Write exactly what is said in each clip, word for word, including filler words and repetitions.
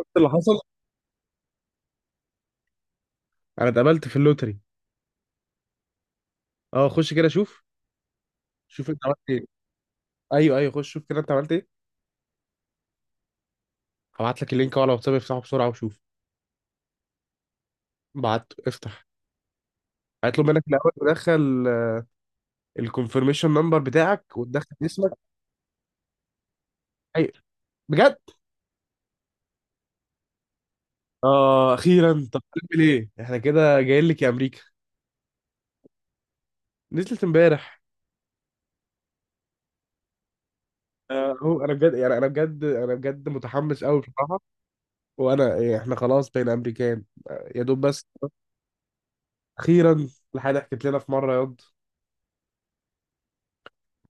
شفت اللي حصل؟ انا اتقابلت في اللوتري. اه، خش كده شوف. شوف انت عملت ايه. ايوه، ايوه، خش شوف كده انت عملت ايه. هبعت لك اللينك اهو على واتساب، افتحه بسرعه وشوف. بعت، افتح. هيطلب منك الاول تدخل الكونفirmation نمبر بتاعك وتدخل اسمك. ايوه. بجد. اه، اخيرا. طب تعمل ايه؟ احنا كده جايين لك يا امريكا. نزلت امبارح. آه، هو انا بجد، يعني انا بجد انا بجد متحمس قوي بصراحه. وانا إيه، احنا خلاص بين امريكان. آه، يا دوب بس. اخيرا. الحاجه حكيت لنا في مره ياض.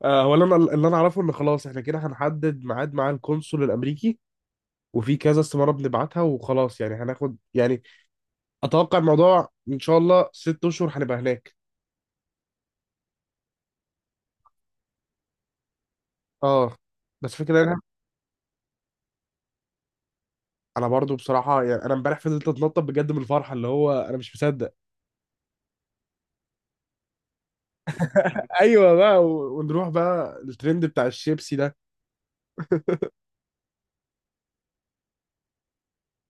آه، هو اللي انا اللي انا اعرفه ان خلاص احنا كده هنحدد ميعاد مع القنصل الامريكي. وفي كذا استماره بنبعتها، وخلاص يعني هناخد يعني. اتوقع الموضوع ان شاء الله ست اشهر هنبقى هناك. اه. بس فكرة انا. انا برضو بصراحه، يعني انا امبارح فضلت اتنطط بجد من الفرحه، اللي هو انا مش مصدق. ايوه بقى و- ونروح بقى الترند بتاع الشيبسي ده.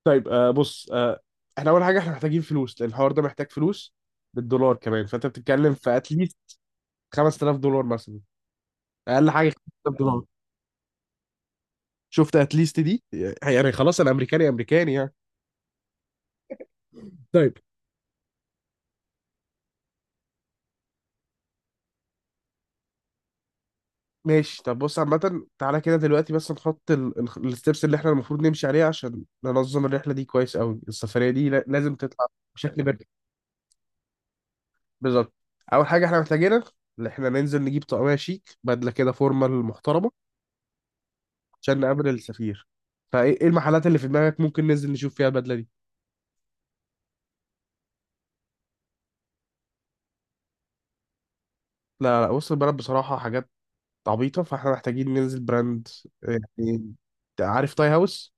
طيب، آه بص آه احنا اول حاجه، احنا محتاجين فلوس، لان الحوار ده محتاج فلوس بالدولار كمان. فانت بتتكلم في اتليست خمسة آلاف دولار مثلا. اقل حاجه. خمسة آلاف. شفت اتليست دي؟ يعني خلاص انا امريكاني امريكاني يعني. طيب. ماشي، طب بص عامة. تعالى كده دلوقتي بس نحط الستبس اللي احنا المفروض نمشي عليها عشان ننظم الرحلة دي كويس قوي. السفرية دي لا- لازم تطلع بشكل بيرفكت. بالظبط. أول حاجة احنا محتاجينها، إن احنا ننزل نجيب طقمية شيك، بدلة كده فورمال محترمة، عشان نقابل السفير. فايه ايه المحلات اللي في دماغك ممكن ننزل نشوف فيها البدلة دي؟ لا لا، بص البلد بصراحة حاجات عبيطة، فاحنا محتاجين ننزل براند يعني. عارف تاي هاوس؟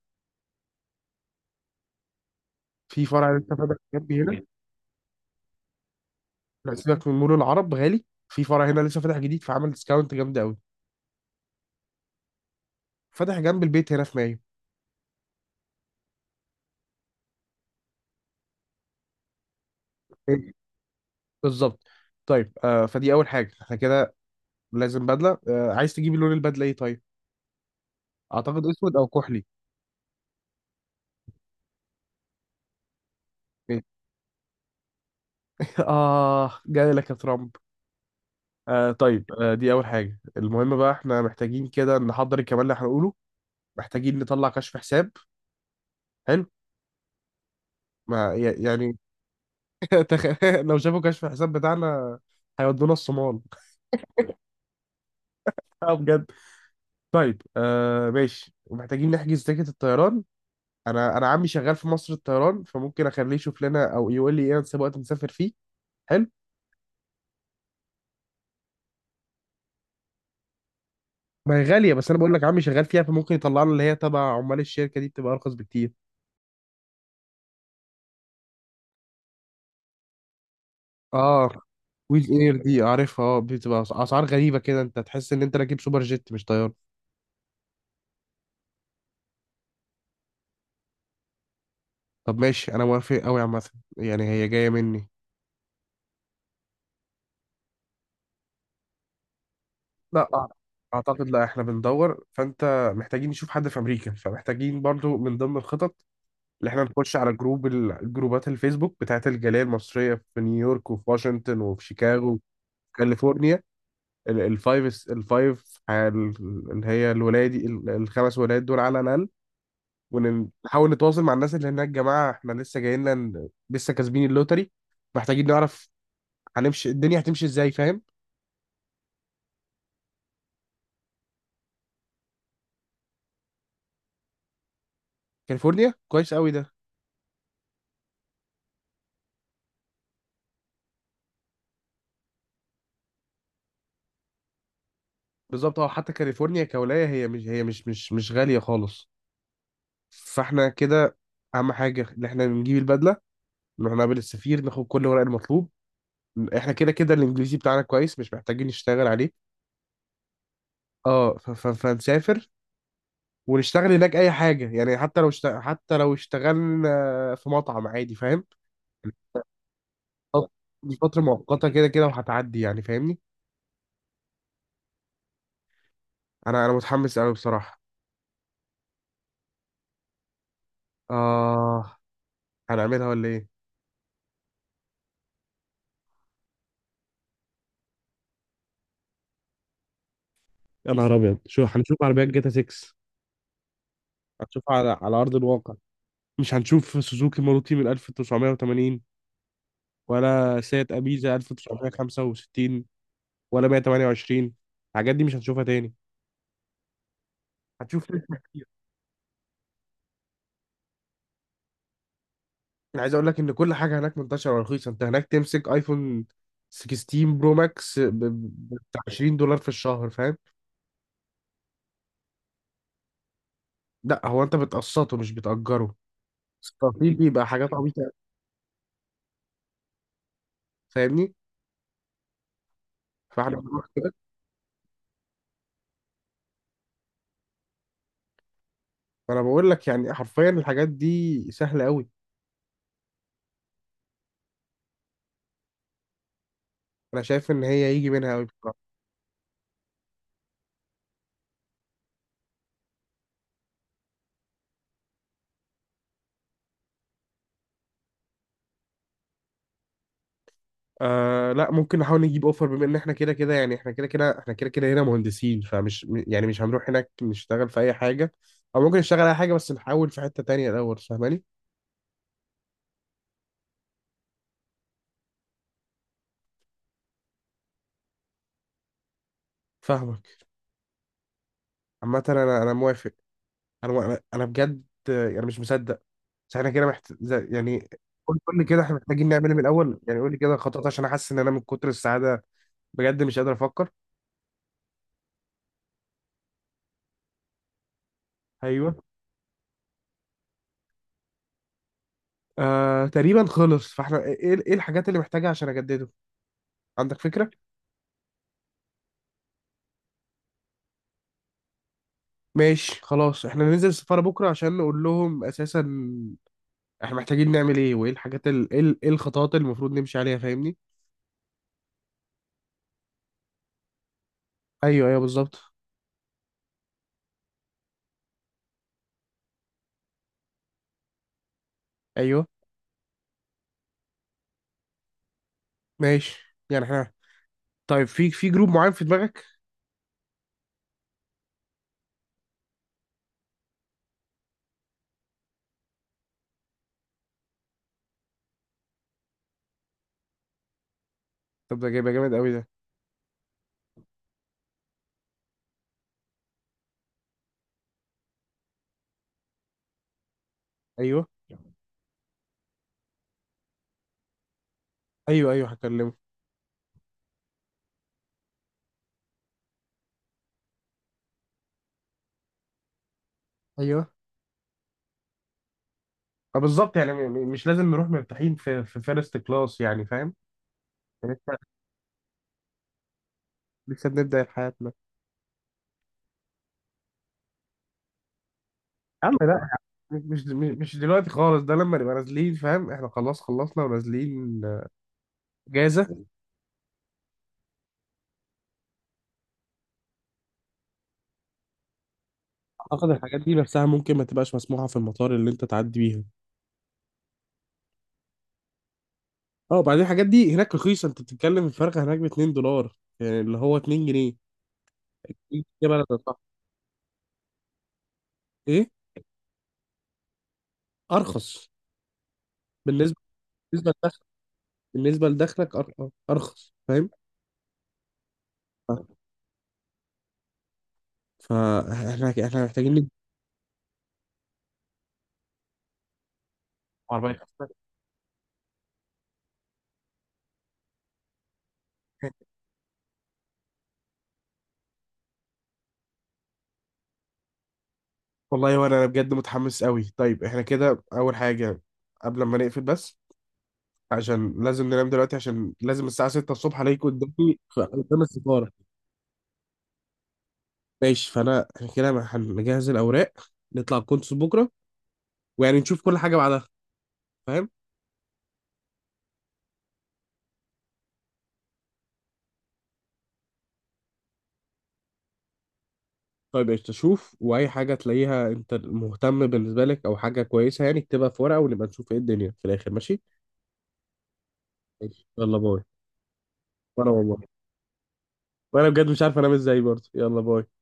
في فرع لسه فاتح جنبي هنا. لا، سيبك من مول العرب غالي، في فرع هنا لسه فاتح جديد، فعمل ديسكاونت جامد قوي. فاتح جنب البيت هنا في مايو. إيه. بالظبط. طيب، آه فدي اول حاجه احنا كده. لازم بدله. آه عايز تجيب لون البدله ايه؟ طيب، اعتقد اسود او كحلي. إيه. اه، جاي لك يا ترامب. آه طيب، آه دي اول حاجه. المهم بقى احنا محتاجين كده نحضر الكلام اللي هنقوله. محتاجين نطلع كشف حساب. حلو. ما ي- يعني. تخ- لو شافوا كشف الحساب بتاعنا هيودونا الصومال. اه، بجد. طيب، آه ماشي. ومحتاجين نحجز تيكت الطيران. انا انا عمي شغال في مصر الطيران، فممكن اخليه يشوف لنا او يقول لي ايه انسب وقت نسافر فيه. حلو. ما هي غاليه، بس انا بقول لك عمي شغال فيها، فممكن يطلع لنا اللي هي تبع عمال الشركه دي بتبقى ارخص بكتير. اه. ويز اير دي عارفها، اه بتبقى أس- اسعار غريبه كده، انت تحس ان انت راكب سوبر جيت مش طياره. طب ماشي، انا موافق قوي عامه. يعني هي جايه مني. لا أع- اعتقد لا، احنا بندور. فانت محتاجين نشوف حد في امريكا، فمحتاجين برضو من ضمن الخطط اللي احنا نخش على جروب، ال- جروبات الفيسبوك بتاعت الجالية المصرية في نيويورك وفي واشنطن وفي شيكاغو وفي كاليفورنيا. ال- الفايف الفايف ال- اللي هي الولاية دي ال- الخمس ولايات دول على الأقل. ونحاول نتواصل مع الناس اللي هناك. جماعة، احنا لسه جايين لنا، لسه كاسبين اللوتري. محتاجين نعرف هنمشي الدنيا هتمشي ازاي، فاهم؟ كاليفورنيا كويس قوي ده. بالظبط. اه، حتى كاليفورنيا كولاية هي مش هي مش مش مش غالية خالص. فاحنا كده أهم حاجة إن احنا نجيب البدلة، نروح نقابل السفير، ناخد كل الورق المطلوب. احنا كده كده الانجليزي بتاعنا كويس، مش محتاجين نشتغل عليه. اه، ف- ف- فنسافر ونشتغل هناك اي حاجه يعني. حتى لو اشت... حتى لو اشتغلنا في مطعم عادي، فاهم؟ أو. دي فتره مؤقته كده كده وهتعدي يعني، فاهمني. انا انا متحمس قوي بصراحه. اه، هنعملها ولا ايه؟ يا نهار ابيض، شو هنشوف عربيات جاتا ستة. هتشوف على على ارض الواقع. مش هنشوف سوزوكي ماروتي من ألف وتسعمية وتمانين، ولا سيات ابيزا ألف وتسعمية وخمسة وستين، ولا مية وتمانية وعشرين. الحاجات دي مش هتشوفها تاني. هتشوف تسلا كتير. انا عايز اقول لك ان كل حاجه هناك منتشره ورخيصه. انت هناك تمسك ايفون ستاشر برو ماكس ب ب- بتاع عشرين دولار في الشهر، فاهم؟ لا، هو انت بتقسطه مش بتأجره. مستطيل، بيبقى حاجات عبيطه. فاهمني. فاحنا بنروح- فانا بقول لك يعني حرفيا الحاجات دي سهله قوي. انا شايف ان هي يجي منها قوي. آه لا، ممكن نحاول نجيب اوفر بما ان احنا كده كده، يعني احنا كده كده احنا كده كده هنا مهندسين. فمش م- يعني مش هنروح هناك نشتغل في اي حاجه. او ممكن نشتغل اي حاجه بس نحاول في حته تانية الاول، فاهماني؟ فاهمك. عامه انا انا موافق. انا انا أنا بجد. آه، يعني مش مصدق. بس احنا كده محت... زي- يعني. قول قول لي كده احنا محتاجين نعمل ايه من الاول، يعني قول لي كده خطوات عشان احس ان انا من كتر السعاده بجد مش قادر افكر. ايوه. آه تقريبا خلص، فاحنا ايه، ايه الحاجات اللي محتاجها عشان اجدده؟ عندك فكره؟ ماشي، خلاص احنا ننزل السفارة بكرة عشان نقول لهم اساسا احنا محتاجين نعمل ايه، وايه الحاجات ال... ايه ال- إيه الخطوات اللي المفروض نمشي عليها، فاهمني؟ ايوه، ايوه، بالظبط. ايوه. ماشي يعني احنا. طيب، في في جروب معين في دماغك؟ طب ده جايبه جامد قوي ده. ايوه، ايوه، ايوه، هكلمه. ايوه. اه بالظبط، يعني م- م- مش لازم نروح مرتاحين في في فيرست كلاس يعني، فاهم؟ لسه. لسه بنبدأ حياتنا. يا عم لا، مش مش مش دلوقتي خالص. ده لما نبقى نازلين فاهم، احنا خلاص خلصنا ونازلين. جازة. اعتقد الحاجات دي نفسها ممكن ما تبقاش مسموحه في المطار اللي انت تعدي بيها. اه وبعدين الحاجات دي هناك رخيصه، انت بتتكلم الفرق هناك ب اتنين دولار، يعني اللي هو اتنين جنيه. إيه يا بلد صح. ايه. ارخص بالنسبه. بالنسبه لدخلك. بالنسبه لدخلك أر- ارخص، فاهم؟ فاحنا احنا محتاجين نجيب عربية. والله. وانا انا بجد متحمس قوي. طيب احنا كده اول حاجه قبل ما نقفل بس، عشان لازم ننام دلوقتي، عشان لازم الساعه ستة الصبح عليكم قدامي قدام السفاره. ماشي، فانا احنا كده هنجهز الاوراق، نطلع الكونسول بكره، ويعني نشوف كل حاجه بعدها، فاهم؟ طيب، ايش تشوف واي حاجه تلاقيها انت مهتم بالنسبه لك او حاجه كويسه يعني، اكتبها في ورقه ونبقى نشوف ايه الدنيا في الاخر، ماشي؟ ماشي، يلا باي. وانا والله، وانا بجد مش عارف انام ازاي برضه. يلا باي.